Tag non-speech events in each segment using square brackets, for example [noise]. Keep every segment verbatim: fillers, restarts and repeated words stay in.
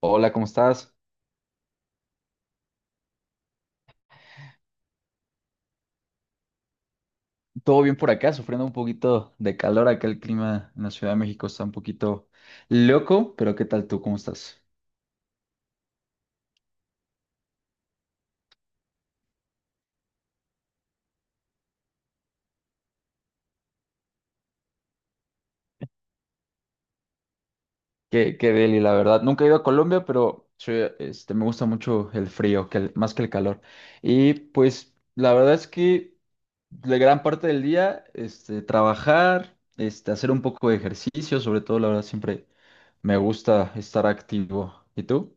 Hola, ¿cómo estás? Todo bien por acá, sufriendo un poquito de calor. Acá el clima en la Ciudad de México está un poquito loco, pero ¿qué tal tú? ¿Cómo estás? Qué, qué deli, la verdad. Nunca he ido a Colombia, pero sí, este, me gusta mucho el frío, que el- más que el calor. Y pues la verdad es que la gran parte del día, este, trabajar, este, hacer un poco de ejercicio, sobre todo, la verdad, siempre me gusta estar activo. ¿Y tú?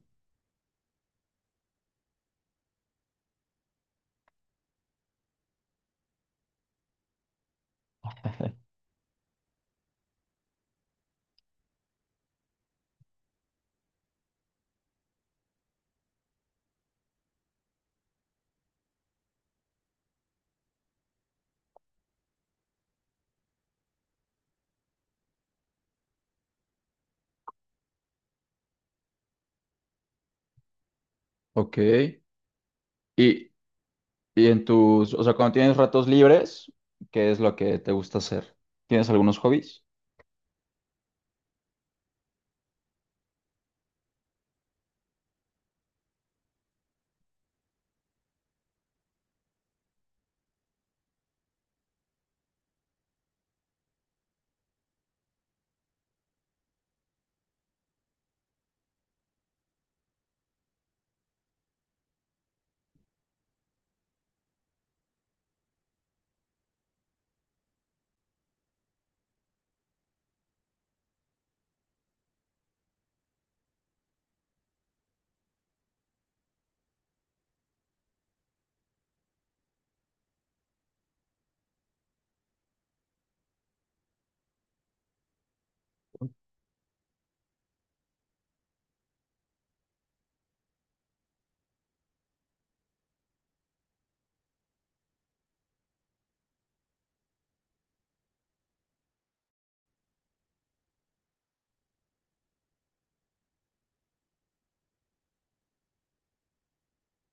Ok. ¿Y, Y en tus, o sea, cuando tienes ratos libres, ¿qué es lo que te gusta hacer? ¿Tienes algunos hobbies?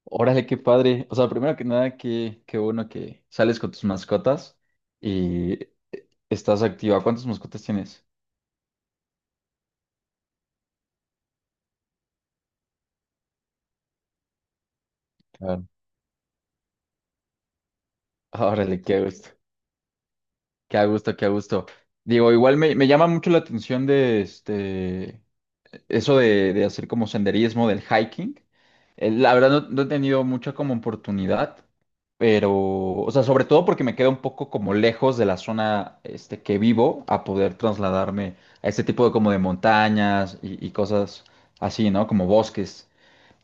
Órale, qué padre. O sea, primero que nada, qué, qué bueno que sales con tus mascotas y estás activa. ¿Cuántas mascotas tienes? Claro. Órale, qué gusto. Qué a gusto, qué a gusto. Digo, igual me, me llama mucho la atención de este. Eso de, de hacer como senderismo, del hiking, eh, la verdad no, no he tenido mucha como oportunidad, pero, o sea, sobre todo porque me queda un poco como lejos de la zona este, que vivo a poder trasladarme a este tipo de como de montañas y, y cosas así, ¿no? Como bosques.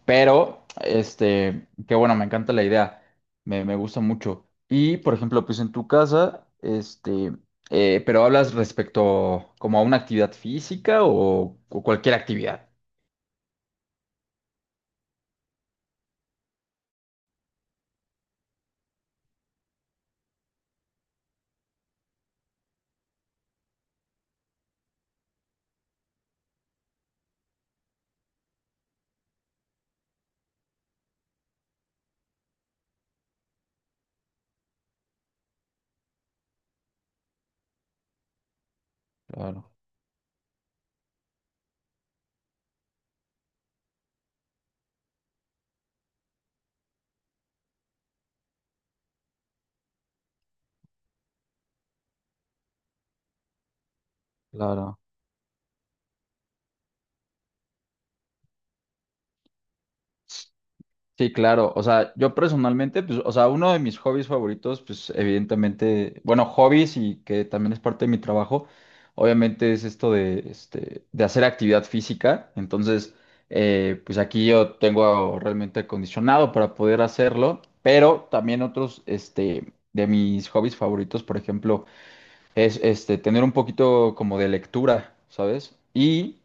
Pero, este, qué bueno, me encanta la idea, me, me gusta mucho. Y, por ejemplo, pues en tu casa, este, eh, pero hablas respecto como a una actividad física o, o cualquier actividad. Claro, claro. Sí, claro. O sea, yo personalmente, pues, o sea, uno de mis hobbies favoritos, pues, evidentemente, bueno, hobbies y que también es parte de mi trabajo, obviamente es esto de, este, de hacer actividad física. Entonces, eh, pues aquí yo tengo realmente acondicionado para poder hacerlo, pero también otros, este, de mis hobbies favoritos, por ejemplo, es, este, tener un poquito como de lectura, ¿sabes? Y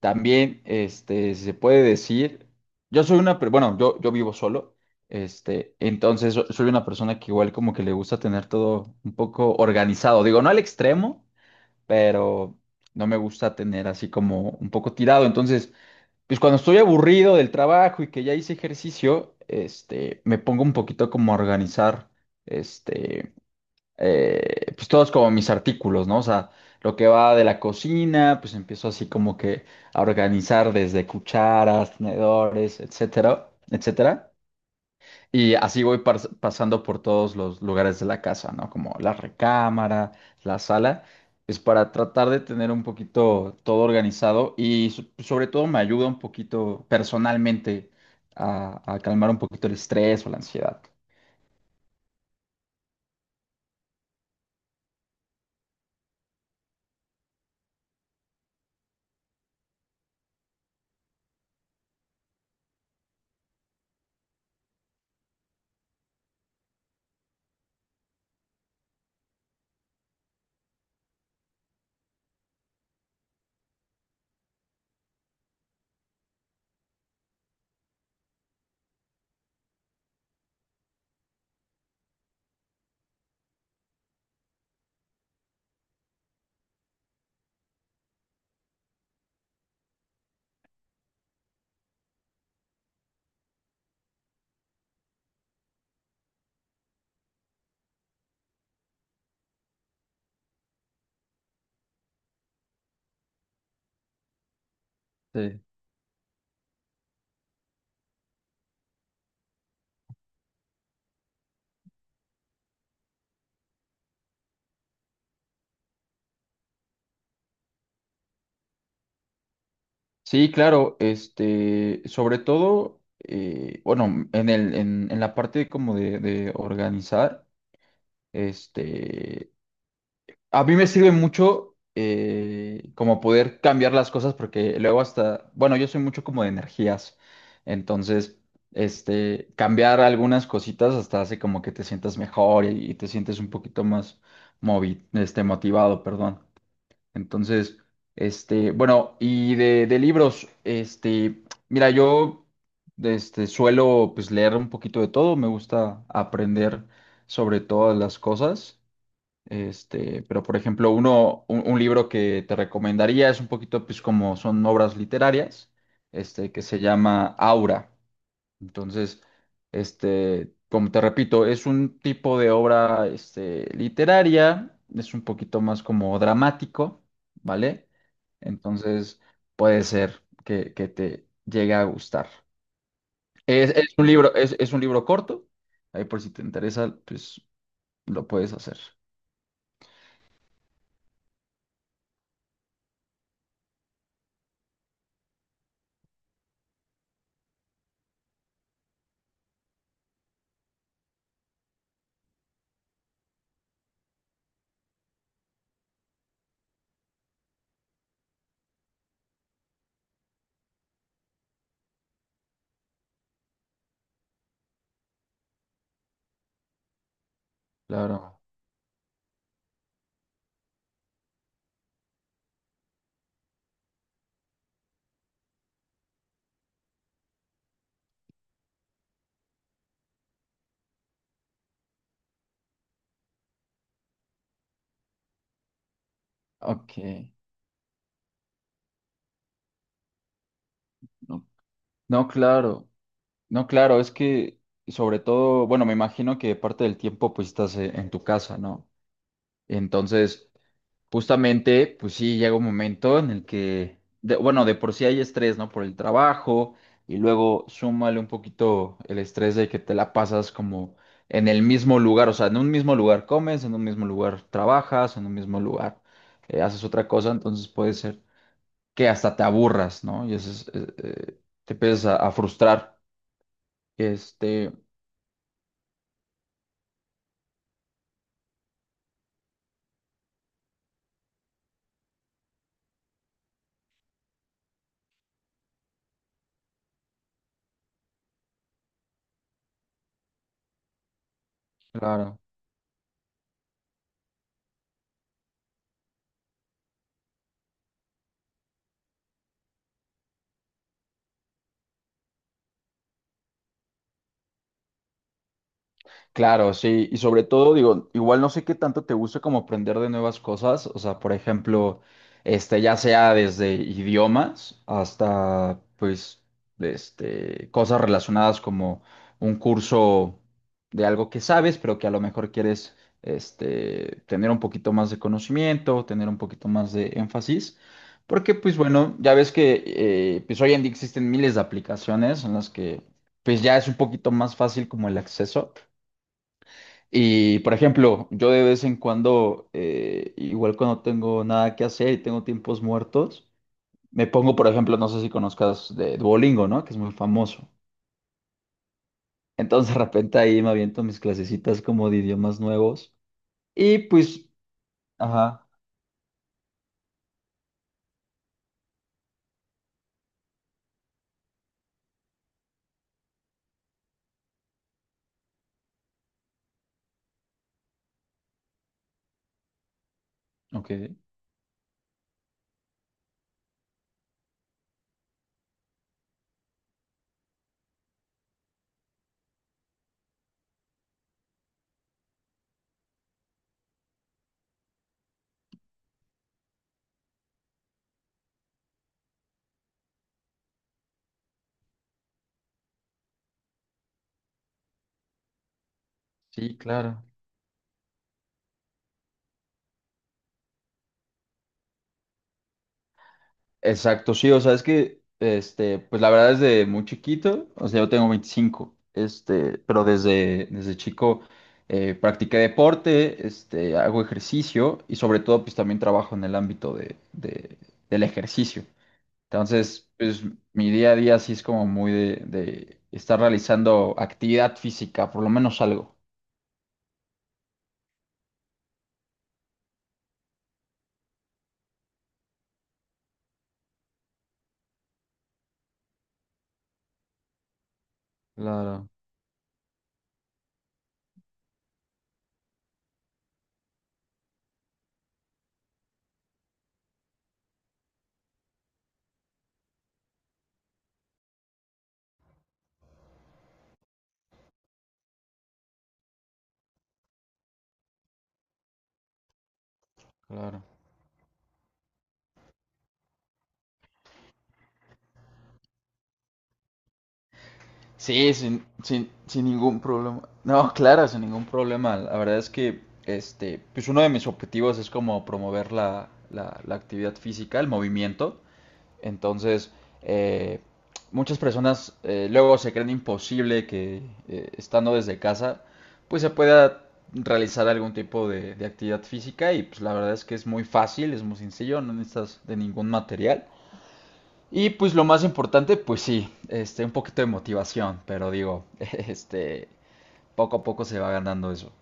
también, este, se puede decir, yo soy una, per- bueno, yo, yo vivo solo, este, entonces so- soy una persona que igual como que le gusta tener todo un poco organizado, digo, no al extremo, pero no me gusta tener así como un poco tirado, entonces, pues cuando estoy aburrido del trabajo y que ya hice ejercicio, este, me pongo un poquito como a organizar, este, eh, pues todos como mis artículos, ¿no? O sea, lo que va de la cocina, pues empiezo así como que a organizar desde cucharas, tenedores, etcétera, etcétera. Y así voy pas- pasando por todos los lugares de la casa, ¿no? Como la recámara, la sala. Es para tratar de tener un poquito todo organizado y so- sobre todo me ayuda un poquito personalmente a, a calmar un poquito el estrés o la ansiedad. Sí. Sí, claro, este, sobre todo, eh, bueno, en el, en, en la parte como de, de organizar, este, a mí me sirve mucho eh, como poder cambiar las cosas porque luego hasta, bueno, yo soy mucho como de energías, entonces, este, cambiar algunas cositas hasta hace como que te sientas mejor y, y te sientes un poquito más movi, este, motivado, perdón. Entonces, este, bueno, y de, de libros, este, mira, yo este, suelo pues leer un poquito de todo, me gusta aprender sobre todas las cosas. Este, pero por ejemplo, uno, un, un libro que te recomendaría es un poquito pues como son obras literarias, este, que se llama Aura. Entonces, este, como te repito, es un tipo de obra, este, literaria, es un poquito más como dramático, ¿vale? Entonces, puede ser que, que te llegue a gustar. Es, es un libro, es, es un libro corto, ahí por si te interesa, pues lo puedes hacer. Claro. Ok. No, no, claro. No, claro, es que sobre todo, bueno, me imagino que parte del tiempo pues estás eh, en tu casa, ¿no? Entonces, justamente, pues sí, llega un momento en el que, de- bueno, de por sí hay estrés, ¿no? Por el trabajo y luego súmale un poquito el estrés de que te la pasas como en el mismo lugar, o sea, en un mismo lugar comes, en un mismo lugar trabajas, en un mismo lugar eh, haces otra cosa, entonces puede ser que hasta te aburras, ¿no? Y eso es, eh, eh, te empiezas a, a frustrar. Este, claro. Claro, sí, y sobre todo, digo, igual no sé qué tanto te gusta como aprender de nuevas cosas, o sea, por ejemplo, este, ya sea desde idiomas hasta, pues, este, cosas relacionadas como un curso de algo que sabes, pero que a lo mejor quieres, este, tener un poquito más de conocimiento, tener un poquito más de énfasis, porque, pues, bueno, ya ves que, eh, pues, hoy en día existen miles de aplicaciones en las que, pues, ya es un poquito más fácil como el acceso. Y, por ejemplo, yo de vez en cuando, eh, igual cuando tengo nada que hacer y tengo tiempos muertos, me pongo, por ejemplo, no sé si conozcas de Duolingo, ¿no? Que es muy famoso. Entonces, de repente ahí me aviento mis clasecitas como de idiomas nuevos. Y pues, ajá, ok, sí, claro. Exacto, sí, o sea, es que, este, pues la verdad desde muy chiquito, o sea, yo tengo veinticinco este, pero desde, desde chico eh, practiqué deporte, este, hago ejercicio y sobre todo pues también trabajo en el ámbito de, de- del ejercicio. Entonces, pues mi día a día sí es como muy de, de estar realizando actividad física, por lo menos algo. Claro, claro. Sí, sin, sin, sin ningún problema. No, [laughs] claro, sin ningún problema. La verdad es que este, pues uno de mis objetivos es como promover la, la, la actividad física, el movimiento. Entonces, eh, muchas personas eh, luego se creen imposible que eh, estando desde casa, pues se pueda realizar algún tipo de, de actividad física y pues la verdad es que es muy fácil, es muy sencillo, no necesitas de ningún material. Y pues lo más importante, pues sí, este, un poquito de motivación, pero digo, [laughs] este, poco a poco se va ganando eso.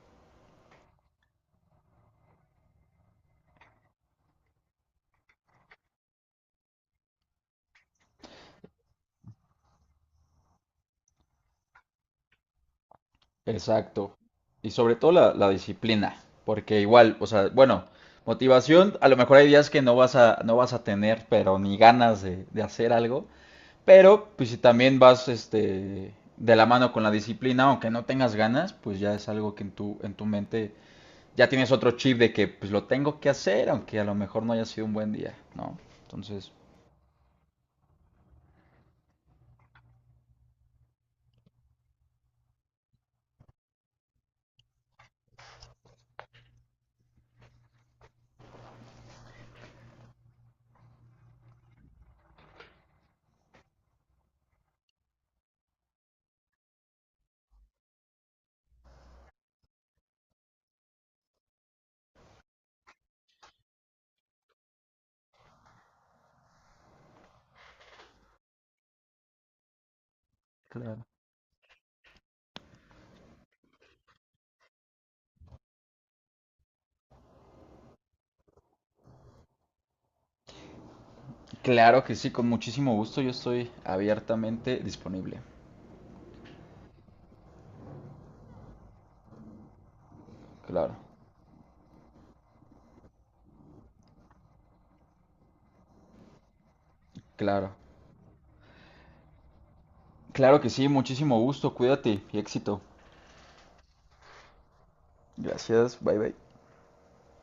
Exacto. Y sobre todo la, la disciplina, porque igual, o sea, bueno, motivación, a lo mejor hay días que no vas a, no vas a tener, pero ni ganas de, de hacer algo, pero pues si también vas, este, de la mano con la disciplina, aunque no tengas ganas, pues ya es algo que en tu, en tu mente ya tienes otro chip de que pues lo tengo que hacer, aunque a lo mejor no haya sido un buen día, ¿no? Entonces, claro. Claro que sí, con muchísimo gusto, yo estoy abiertamente disponible. Claro, claro. Claro que sí, muchísimo gusto, cuídate y éxito. Gracias, bye bye.